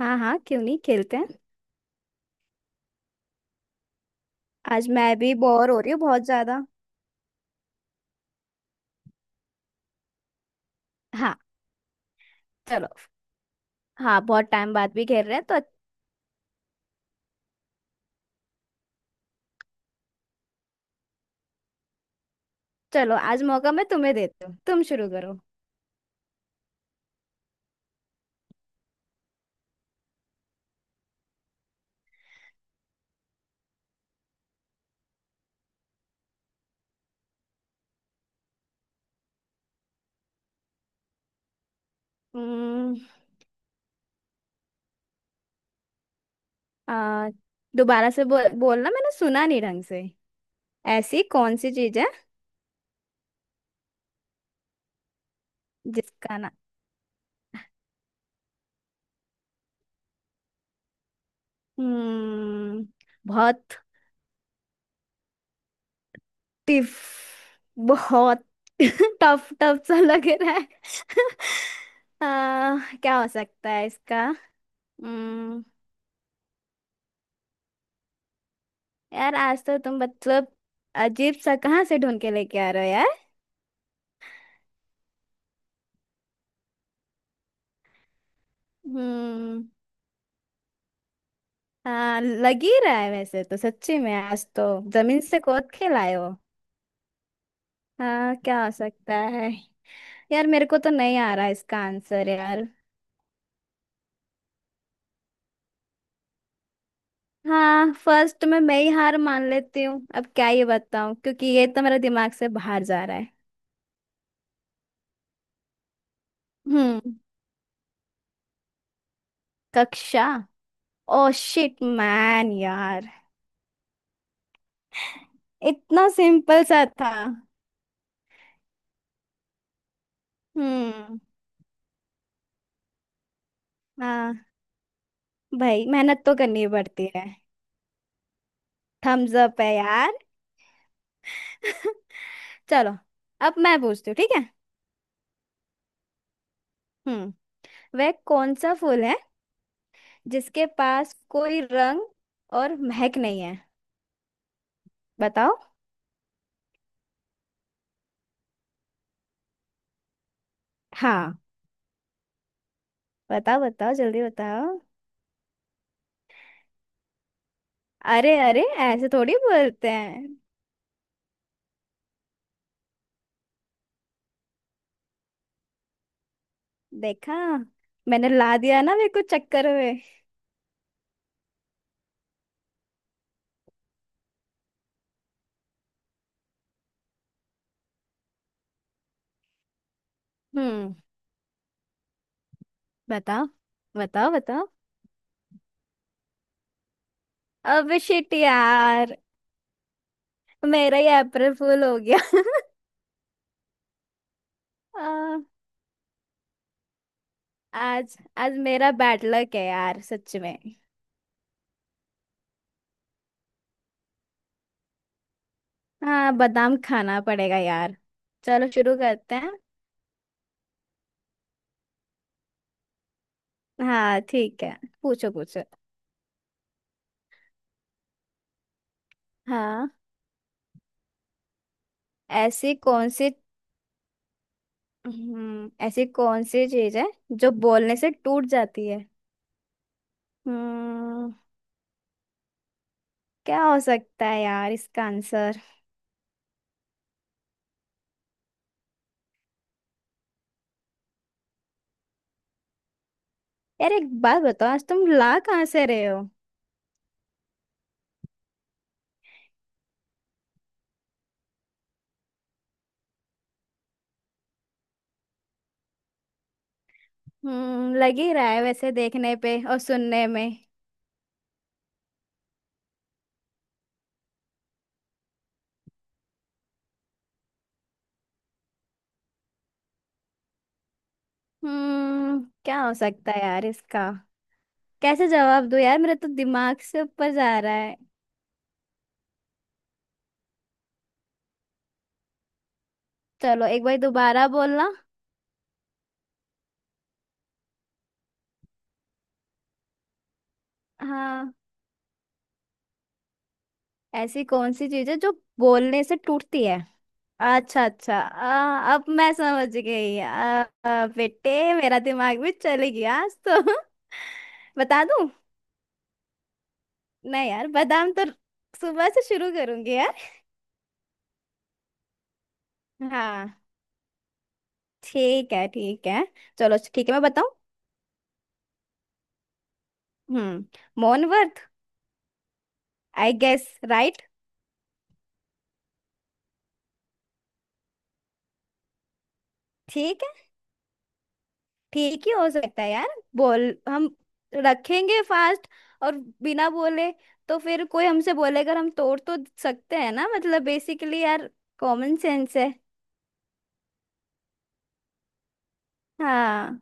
हाँ हाँ, क्यों नहीं। खेलते हैं। आज मैं भी बोर हो रही हूँ बहुत ज्यादा। हाँ। चलो। हाँ, बहुत टाइम बाद भी खेल रहे हैं तो। चलो, आज मौका मैं तुम्हें देती हूँ, तुम शुरू करो। हम्म, आ, दोबारा से बोलना, मैंने सुना नहीं ढंग से। ऐसी कौन सी चीज है जिसका ना। हम्म बहुत टिफ बहुत टफ टफ सा लग रहा है। क्या हो सकता है इसका। यार, आज तो तुम मतलब अजीब सा कहाँ से ढूंढ के लेके आ रहे हो यार। हम्म। हाँ, लग ही रहा है वैसे तो सच्ची में, आज तो जमीन से खोद के लाए हो। हाँ, क्या हो सकता है। यार, मेरे को तो नहीं आ रहा इसका आंसर यार। हाँ, फर्स्ट में मैं ही हार मान लेती हूँ, अब क्या ये बताऊँ क्योंकि ये तो मेरे दिमाग से बाहर जा रहा है। हम्म। कक्षा। ओ शिट मैन यार, इतना सिंपल सा था। हम्म। हाँ भाई, मेहनत तो करनी पड़ती है। थम्स अप है यार। चलो, अब मैं पूछती हूँ, ठीक है। हम्म। वह कौन सा फूल है जिसके पास कोई रंग और महक नहीं है? बताओ। हाँ, बताओ बताओ जल्दी बताओ। अरे अरे, ऐसे थोड़ी बोलते हैं। देखा, मैंने ला दिया ना मेरे को चक्कर में। हम्म। बताओ। बताओ बताओ। अब शिट यार, मेरा ही अप्रैल फूल हो गया। आ, आज आज मेरा बैड लक है यार सच में। हाँ, बादाम खाना पड़ेगा यार। चलो शुरू करते हैं। हाँ ठीक है, पूछो पूछो। हाँ, ऐसी कौन सी ऐसी कौन सी चीज है जो बोलने से टूट जाती है। हम्म। क्या हो सकता है यार इसका आंसर। यार एक बात बताओ, आज तुम ला कहाँ से रहे हो। हम्म। लग ही रहा है वैसे देखने पे और सुनने में। क्या हो सकता है यार इसका। कैसे जवाब दूं यार, मेरा तो दिमाग से ऊपर जा रहा है। चलो, एक बार दोबारा बोलना। हाँ, ऐसी कौन सी चीज है जो बोलने से टूटती है। अच्छा अच्छा, अब मैं समझ गई। आ, आ, बेटे मेरा दिमाग भी चले गया आज तो। बता दूं। नहीं यार, बादाम तो सुबह से शुरू करूंगी यार। हाँ। ठीक है ठीक है। चलो ठीक है, मैं बताऊं। मौन व्रत। I guess right. ठीक। ठीक ही हो सकता है यार। बोल। हम रखेंगे फास्ट, और बिना बोले तो फिर कोई हमसे बोलेगा, हम तोड़ तो सकते हैं ना, मतलब बेसिकली यार, कॉमन सेंस है। हाँ।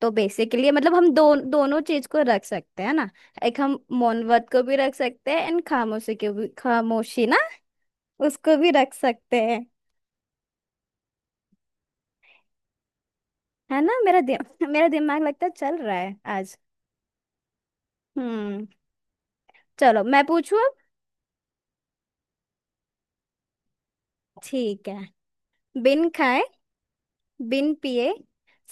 तो बेसिकली मतलब हम दोनों चीज को रख सकते हैं ना। एक हम मौन व्रत को भी रख सकते हैं एंड खामोशी को भी। खामोशी ना, उसको भी रख सकते हैं। है ना। मेरा दिमाग लगता है चल रहा है आज। हम्म। चलो, मैं पूछू अब, ठीक है। बिन खाए, बिन पिए,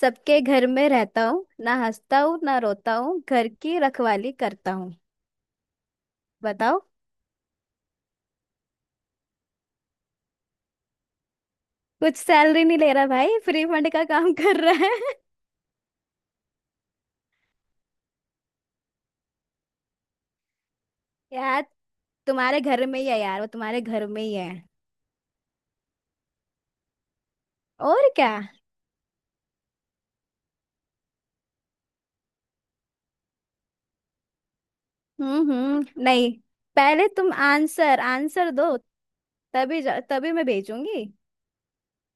सबके घर में रहता हूँ, ना हंसता हूँ ना रोता हूँ, घर की रखवाली करता हूँ। बताओ। कुछ सैलरी नहीं ले रहा भाई, फ्री फंड का काम कर रहा है। यार, तुम्हारे घर में ही है यार, वो तुम्हारे घर में ही है। और क्या। हम्म, नहीं, पहले तुम आंसर आंसर दो, तभी तभी मैं भेजूंगी।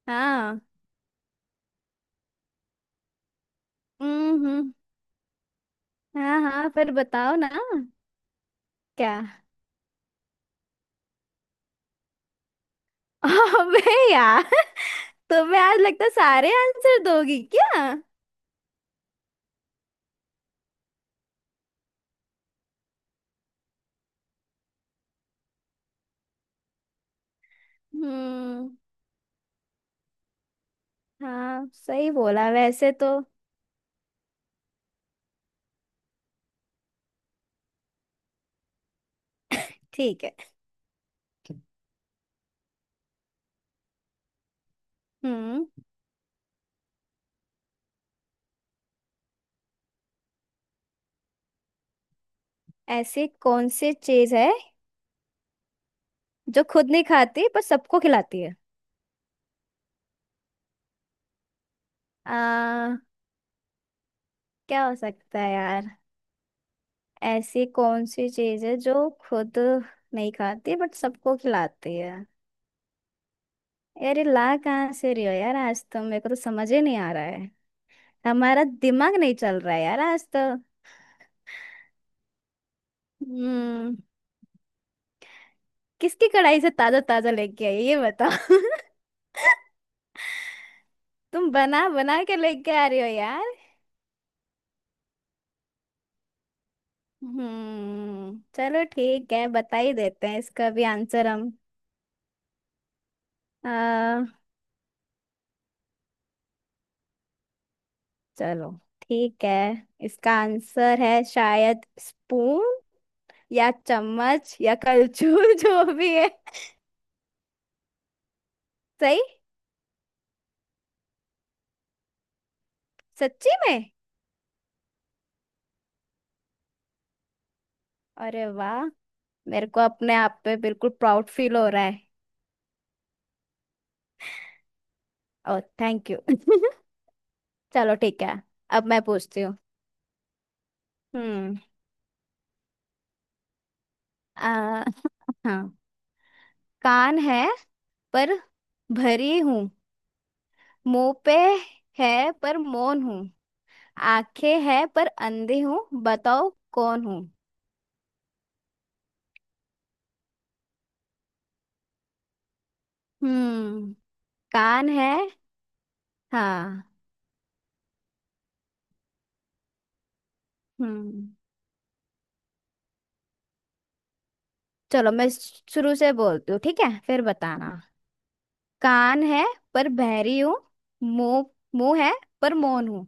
हाँ। हम्म। हाँ हाँ, फिर बताओ ना। क्या। अबे यार, तुम्हें आज लगता है सारे आंसर दोगी क्या। हम्म। हाँ सही बोला वैसे तो। ठीक है। हम्म। ऐसी कौन सी चीज है जो खुद नहीं खाती पर सबको खिलाती है? आ, क्या हो सकता है यार। ऐसी कौन सी चीज है जो खुद नहीं खाती बट सबको खिलाती है। यार, ये ला कहाँ से रही हो यार, आज तो मेरे को तो समझ ही नहीं आ रहा है। हमारा दिमाग नहीं चल रहा है यार आज तो। हम्म। किसकी कढ़ाई से ताजा ताजा लेके आई है, ये बताओ तुम बना बना के लेके आ रही हो यार। चलो ठीक है, बता ही देते हैं इसका भी आंसर हम। आ, चलो ठीक है। इसका आंसर है शायद स्पून, या चम्मच, या कलछुल जो भी है। सही। सच्ची में। अरे वाह, मेरे को अपने आप पे बिल्कुल प्राउड फील हो रहा है। ओ थैंक यू चलो ठीक है। अब मैं पूछती हूँ। हम्म। आ, हाँ। कान है पर भरी हूँ। मुंह पे है पर मौन हूँ। आंखें हैं पर अंधे हूँ, बताओ कौन हूँ? हम्म। कान है। हाँ। हम्म। चलो, मैं शुरू से बोलती हूँ, ठीक है, फिर बताना। कान है पर बहरी हूँ। मुंह मुंह है पर मौन हूँ।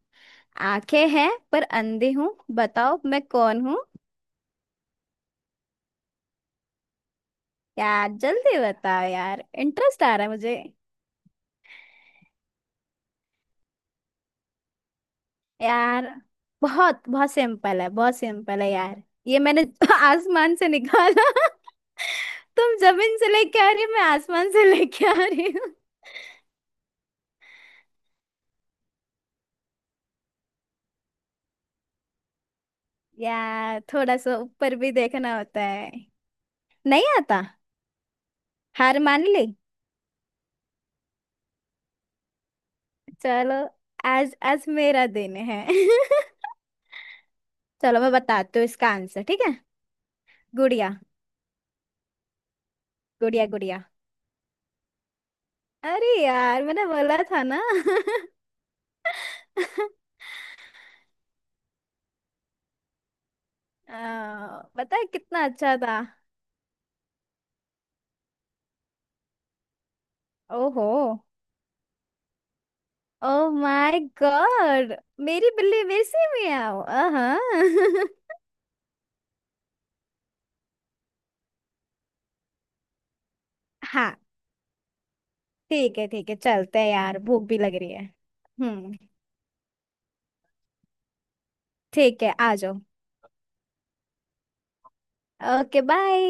आंखें हैं पर अंधे हूँ, बताओ मैं कौन हूँ? यार जल्दी बताओ यार, इंटरेस्ट आ रहा है मुझे। यार, बहुत बहुत सिंपल है, बहुत सिंपल है यार। ये मैंने आसमान से निकाला। तुम जमीन से लेके आ रही हो, मैं आसमान से लेके आ रही हूँ। यार थोड़ा सा ऊपर भी देखना होता है। नहीं आता। हार मान ली। चलो, आज आज मेरा दिन है चलो, मैं बताती हूँ इसका आंसर, ठीक है। गुड़िया। गुड़िया गुड़िया। अरे यार, मैंने बोला था ना पता है कितना अच्छा था। ओहो। Oh my god. मेरी बिल्ली मेरे से में आओ। हाँ हाँ ठीक है ठीक है, चलते हैं यार, भूख भी लग रही है। हम्म। ठीक है, आ जाओ। Okay bye.